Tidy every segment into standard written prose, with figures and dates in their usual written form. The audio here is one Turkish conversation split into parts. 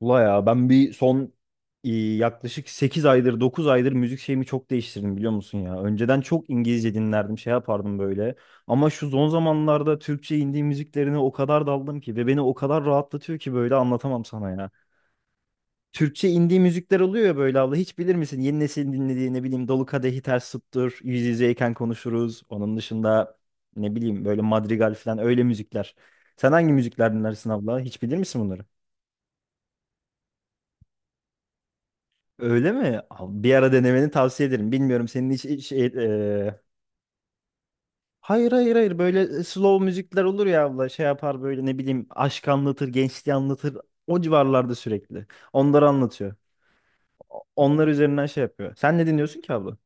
Ula ya ben yaklaşık 8 aydır 9 aydır müzik şeyimi çok değiştirdim biliyor musun ya. Önceden çok İngilizce dinlerdim şey yapardım böyle. Ama şu son zamanlarda Türkçe indie müziklerine o kadar daldım ki ve beni o kadar rahatlatıyor ki böyle anlatamam sana ya. Türkçe indie müzikler oluyor ya böyle abla, hiç bilir misin? Yeni nesil dinlediği ne bileyim Dolu Kadehi Ters Tuttur, Yüz Yüzeyken Konuşuruz. Onun dışında ne bileyim böyle Madrigal falan öyle müzikler. Sen hangi müzikler dinlersin abla? Hiç bilir misin bunları? Öyle mi? Abi bir ara denemeni tavsiye ederim. Bilmiyorum senin hiç şey, e, hayır hayır hayır böyle slow müzikler olur ya abla, şey yapar böyle ne bileyim, aşk anlatır, gençliği anlatır, o civarlarda sürekli onları anlatıyor, onlar üzerinden şey yapıyor, sen ne dinliyorsun ki abla?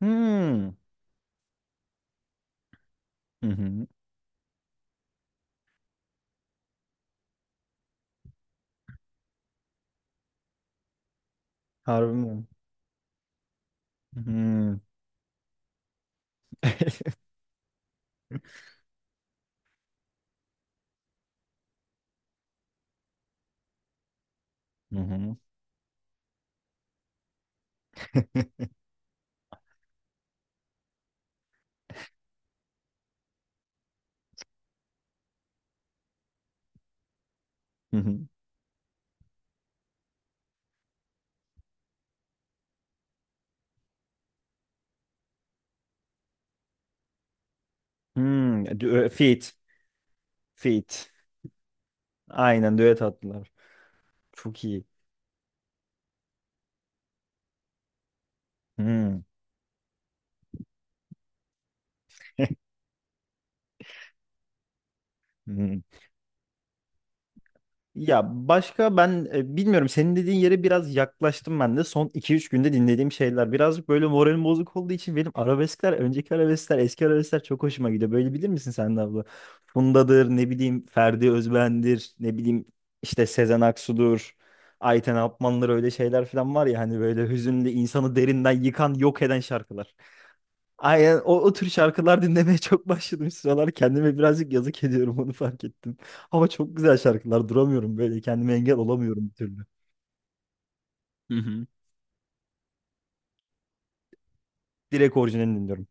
Hmm. Hı hı. Harbi mi? Hmm. Hı hı. Hı hı. Hmm. Feat. Feat. Aynen düet attılar. Çok iyi. Hmm. Ya, başka ben bilmiyorum, senin dediğin yere biraz yaklaştım ben de. Son iki üç günde dinlediğim şeyler, birazcık böyle moralim bozuk olduğu için, benim arabeskler, önceki arabeskler, eski arabeskler çok hoşuma gidiyor böyle, bilir misin sen de abla? Funda'dır ne bileyim, Ferdi Özben'dir ne bileyim, işte Sezen Aksu'dur, Ayten Apman'dır, öyle şeyler falan var ya hani böyle hüzünlü, insanı derinden yıkan, yok eden şarkılar. Aynen o, o tür şarkılar dinlemeye çok başladım şu sıralar. Kendime birazcık yazık ediyorum, onu fark ettim. Ama çok güzel şarkılar, duramıyorum böyle, kendime engel olamıyorum bir türlü. Hı hı. Direkt orijinalini dinliyorum.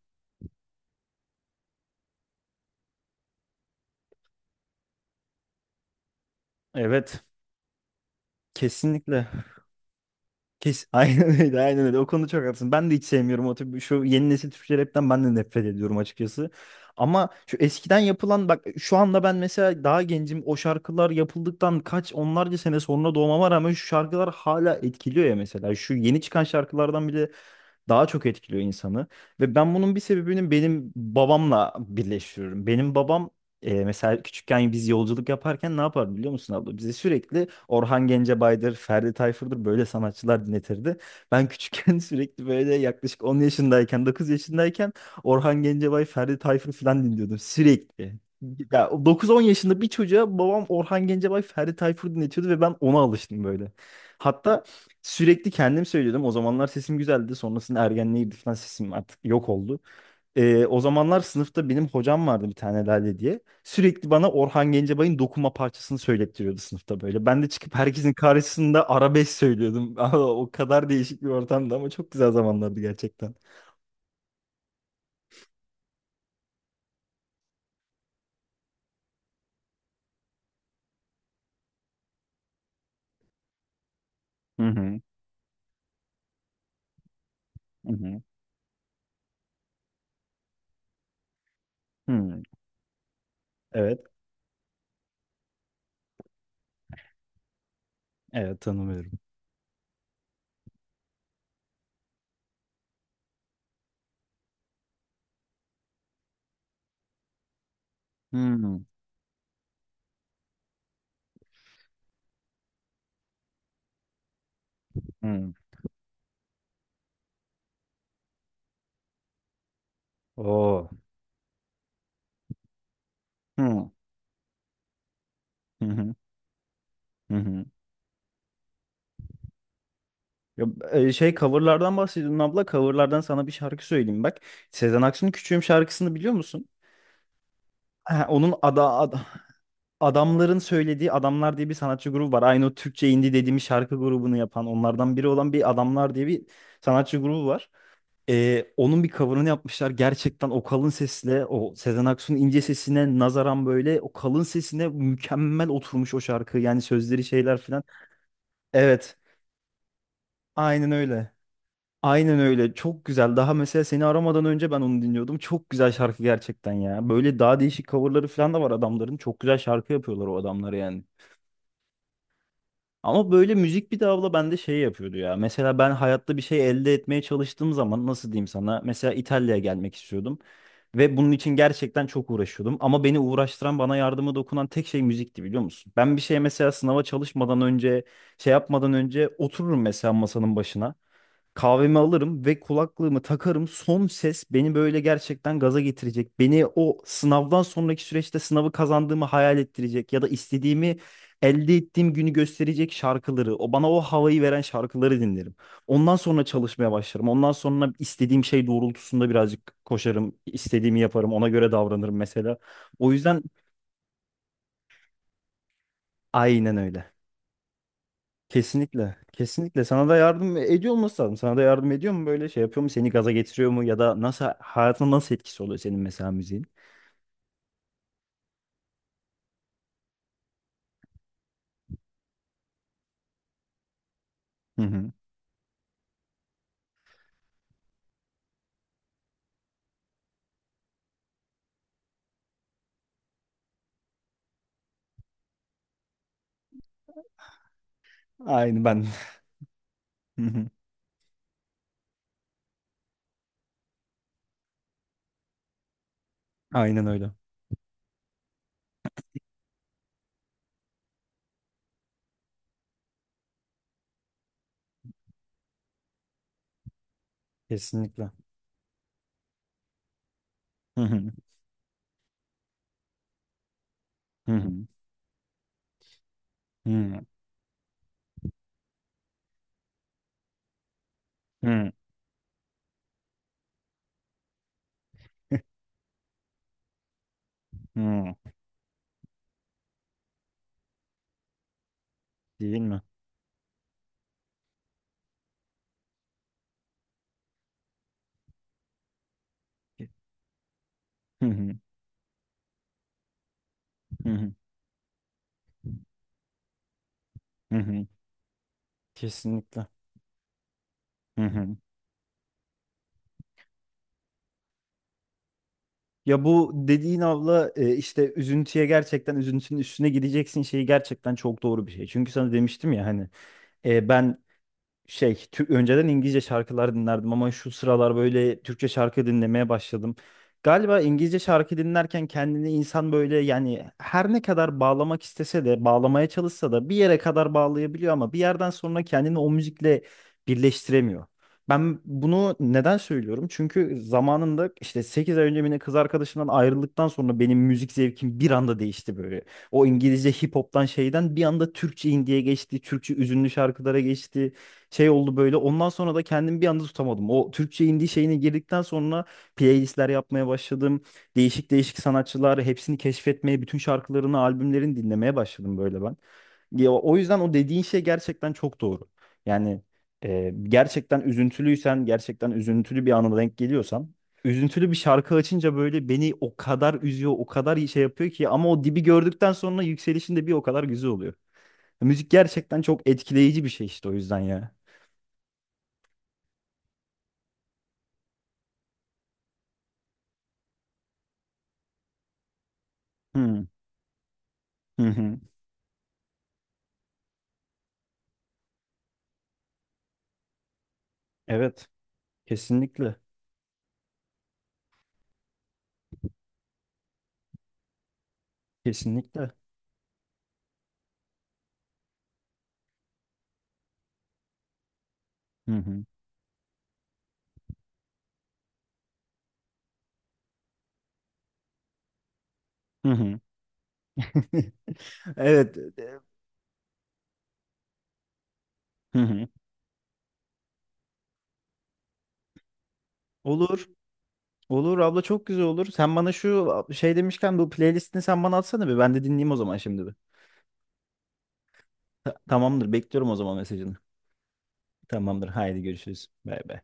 Evet. Kesinlikle. Kes aynen öyle, aynen öyle. O konuda çok haklısın. Ben de hiç sevmiyorum o tip, şu yeni nesil Türkçe rapten ben de nefret ediyorum açıkçası. Ama şu eskiden yapılan, bak şu anda ben mesela daha gencim, o şarkılar yapıldıktan kaç onlarca sene sonra doğmama rağmen şu şarkılar hala etkiliyor ya mesela. Şu yeni çıkan şarkılardan bile daha çok etkiliyor insanı. Ve ben bunun bir sebebini benim babamla birleştiriyorum. Benim babam mesela küçükken biz yolculuk yaparken ne yapardı biliyor musun abla? Bize sürekli Orhan Gencebay'dır, Ferdi Tayfur'dur, böyle sanatçılar dinletirdi. Ben küçükken sürekli böyle, yaklaşık 10 yaşındayken, 9 yaşındayken, Orhan Gencebay, Ferdi Tayfur falan dinliyordum sürekli. Ya o 9-10 yaşında bir çocuğa babam Orhan Gencebay, Ferdi Tayfur dinletiyordu ve ben ona alıştım böyle. Hatta sürekli kendim söylüyordum. O zamanlar sesim güzeldi. Sonrasında ergenliğe girdik falan, sesim artık yok oldu. O zamanlar sınıfta benim hocam vardı bir tane, Lale diye. Sürekli bana Orhan Gencebay'ın Dokunma parçasını söylettiriyordu sınıfta böyle. Ben de çıkıp herkesin karşısında arabesk söylüyordum. O kadar değişik bir ortamdı ama çok güzel zamanlardı gerçekten. Hı hı. Hı hı. Hı. Evet. Evet, tanımıyorum. Hı. Hı. Oo. Hı. Hı hı. Hı hı. Ya, şey, coverlardan bahsediyordun abla. Coverlardan sana bir şarkı söyleyeyim bak. Sezen Aksu'nun Küçüğüm şarkısını biliyor musun? Ha, adamların söylediği, Adamlar diye bir sanatçı grubu var. Aynı o Türkçe indie dediğimiz şarkı grubunu yapan, onlardan biri olan bir Adamlar diye bir sanatçı grubu var. Onun bir coverını yapmışlar. Gerçekten o kalın sesle, o Sezen Aksu'nun ince sesine nazaran böyle o kalın sesine mükemmel oturmuş o şarkı. Yani sözleri, şeyler filan. Evet, aynen öyle. Aynen öyle. Çok güzel. Daha mesela seni aramadan önce ben onu dinliyordum. Çok güzel şarkı gerçekten ya. Böyle daha değişik coverları falan da var adamların. Çok güzel şarkı yapıyorlar o adamlar yani. Ama böyle müzik bir de abla bende şey yapıyordu ya. Mesela ben hayatta bir şey elde etmeye çalıştığım zaman nasıl diyeyim sana? Mesela İtalya'ya gelmek istiyordum ve bunun için gerçekten çok uğraşıyordum. Ama beni uğraştıran, bana yardımı dokunan tek şey müzikti biliyor musun? Ben bir şeye, mesela sınava çalışmadan önce, şey yapmadan önce otururum mesela masanın başına. Kahvemi alırım ve kulaklığımı takarım. Son ses, beni böyle gerçekten gaza getirecek, beni o sınavdan sonraki süreçte sınavı kazandığımı hayal ettirecek ya da istediğimi elde ettiğim günü gösterecek şarkıları, o bana o havayı veren şarkıları dinlerim. Ondan sonra çalışmaya başlarım. Ondan sonra istediğim şey doğrultusunda birazcık koşarım, istediğimi yaparım, ona göre davranırım mesela. O yüzden aynen öyle. Kesinlikle. Kesinlikle. Sana da yardım ediyor olması lazım. Sana da yardım ediyor mu böyle, şey yapıyor mu, seni gaza getiriyor mu? Ya da nasıl, hayatına nasıl etkisi oluyor senin mesela müziğin? Hı hı. Aynı ben. Hı hı. Aynen öyle. Kesinlikle. Hı hı. Hı hı. Hı hı. Hı. Değil mi? Hı hı. Hı hı. Hı hı. Kesinlikle. Hı hı. Ya bu dediğin abla, işte üzüntüye gerçekten, üzüntünün üstüne gideceksin şeyi, gerçekten çok doğru bir şey. Çünkü sana demiştim ya hani, ben şey Türk önceden İngilizce şarkılar dinlerdim ama şu sıralar böyle Türkçe şarkı dinlemeye başladım. Galiba İngilizce şarkı dinlerken kendini insan böyle, yani her ne kadar bağlamak istese de, bağlamaya çalışsa da bir yere kadar bağlayabiliyor ama bir yerden sonra kendini o müzikle birleştiremiyor. Ben bunu neden söylüyorum? Çünkü zamanında, işte 8 ay önce, benim kız arkadaşımdan ayrıldıktan sonra benim müzik zevkim bir anda değişti böyle. O İngilizce hip hop'tan, şeyden bir anda Türkçe indie'ye geçti, Türkçe üzünlü şarkılara geçti. Şey oldu böyle. Ondan sonra da kendimi bir anda tutamadım. O Türkçe indie şeyine girdikten sonra playlistler yapmaya başladım. Değişik değişik sanatçılar, hepsini keşfetmeye, bütün şarkılarını, albümlerini dinlemeye başladım böyle ben. Ya, o yüzden o dediğin şey gerçekten çok doğru. Yani gerçekten üzüntülüysen, gerçekten üzüntülü bir ana denk geliyorsan, üzüntülü bir şarkı açınca böyle beni o kadar üzüyor, o kadar iyi şey yapıyor ki, ama o dibi gördükten sonra yükselişin de bir o kadar güzel oluyor. Müzik gerçekten çok etkileyici bir şey işte, o yüzden ya. Hı hı hı. Evet, kesinlikle. Kesinlikle. Hı hı. Hı hı. Evet. Hı hı. Olur. Olur abla, çok güzel olur. Sen bana şu şey demişken bu playlistini sen bana atsana bir. Ben de dinleyeyim o zaman şimdi bir. Tamamdır. Bekliyorum o zaman mesajını. Tamamdır. Haydi görüşürüz. Bay bay.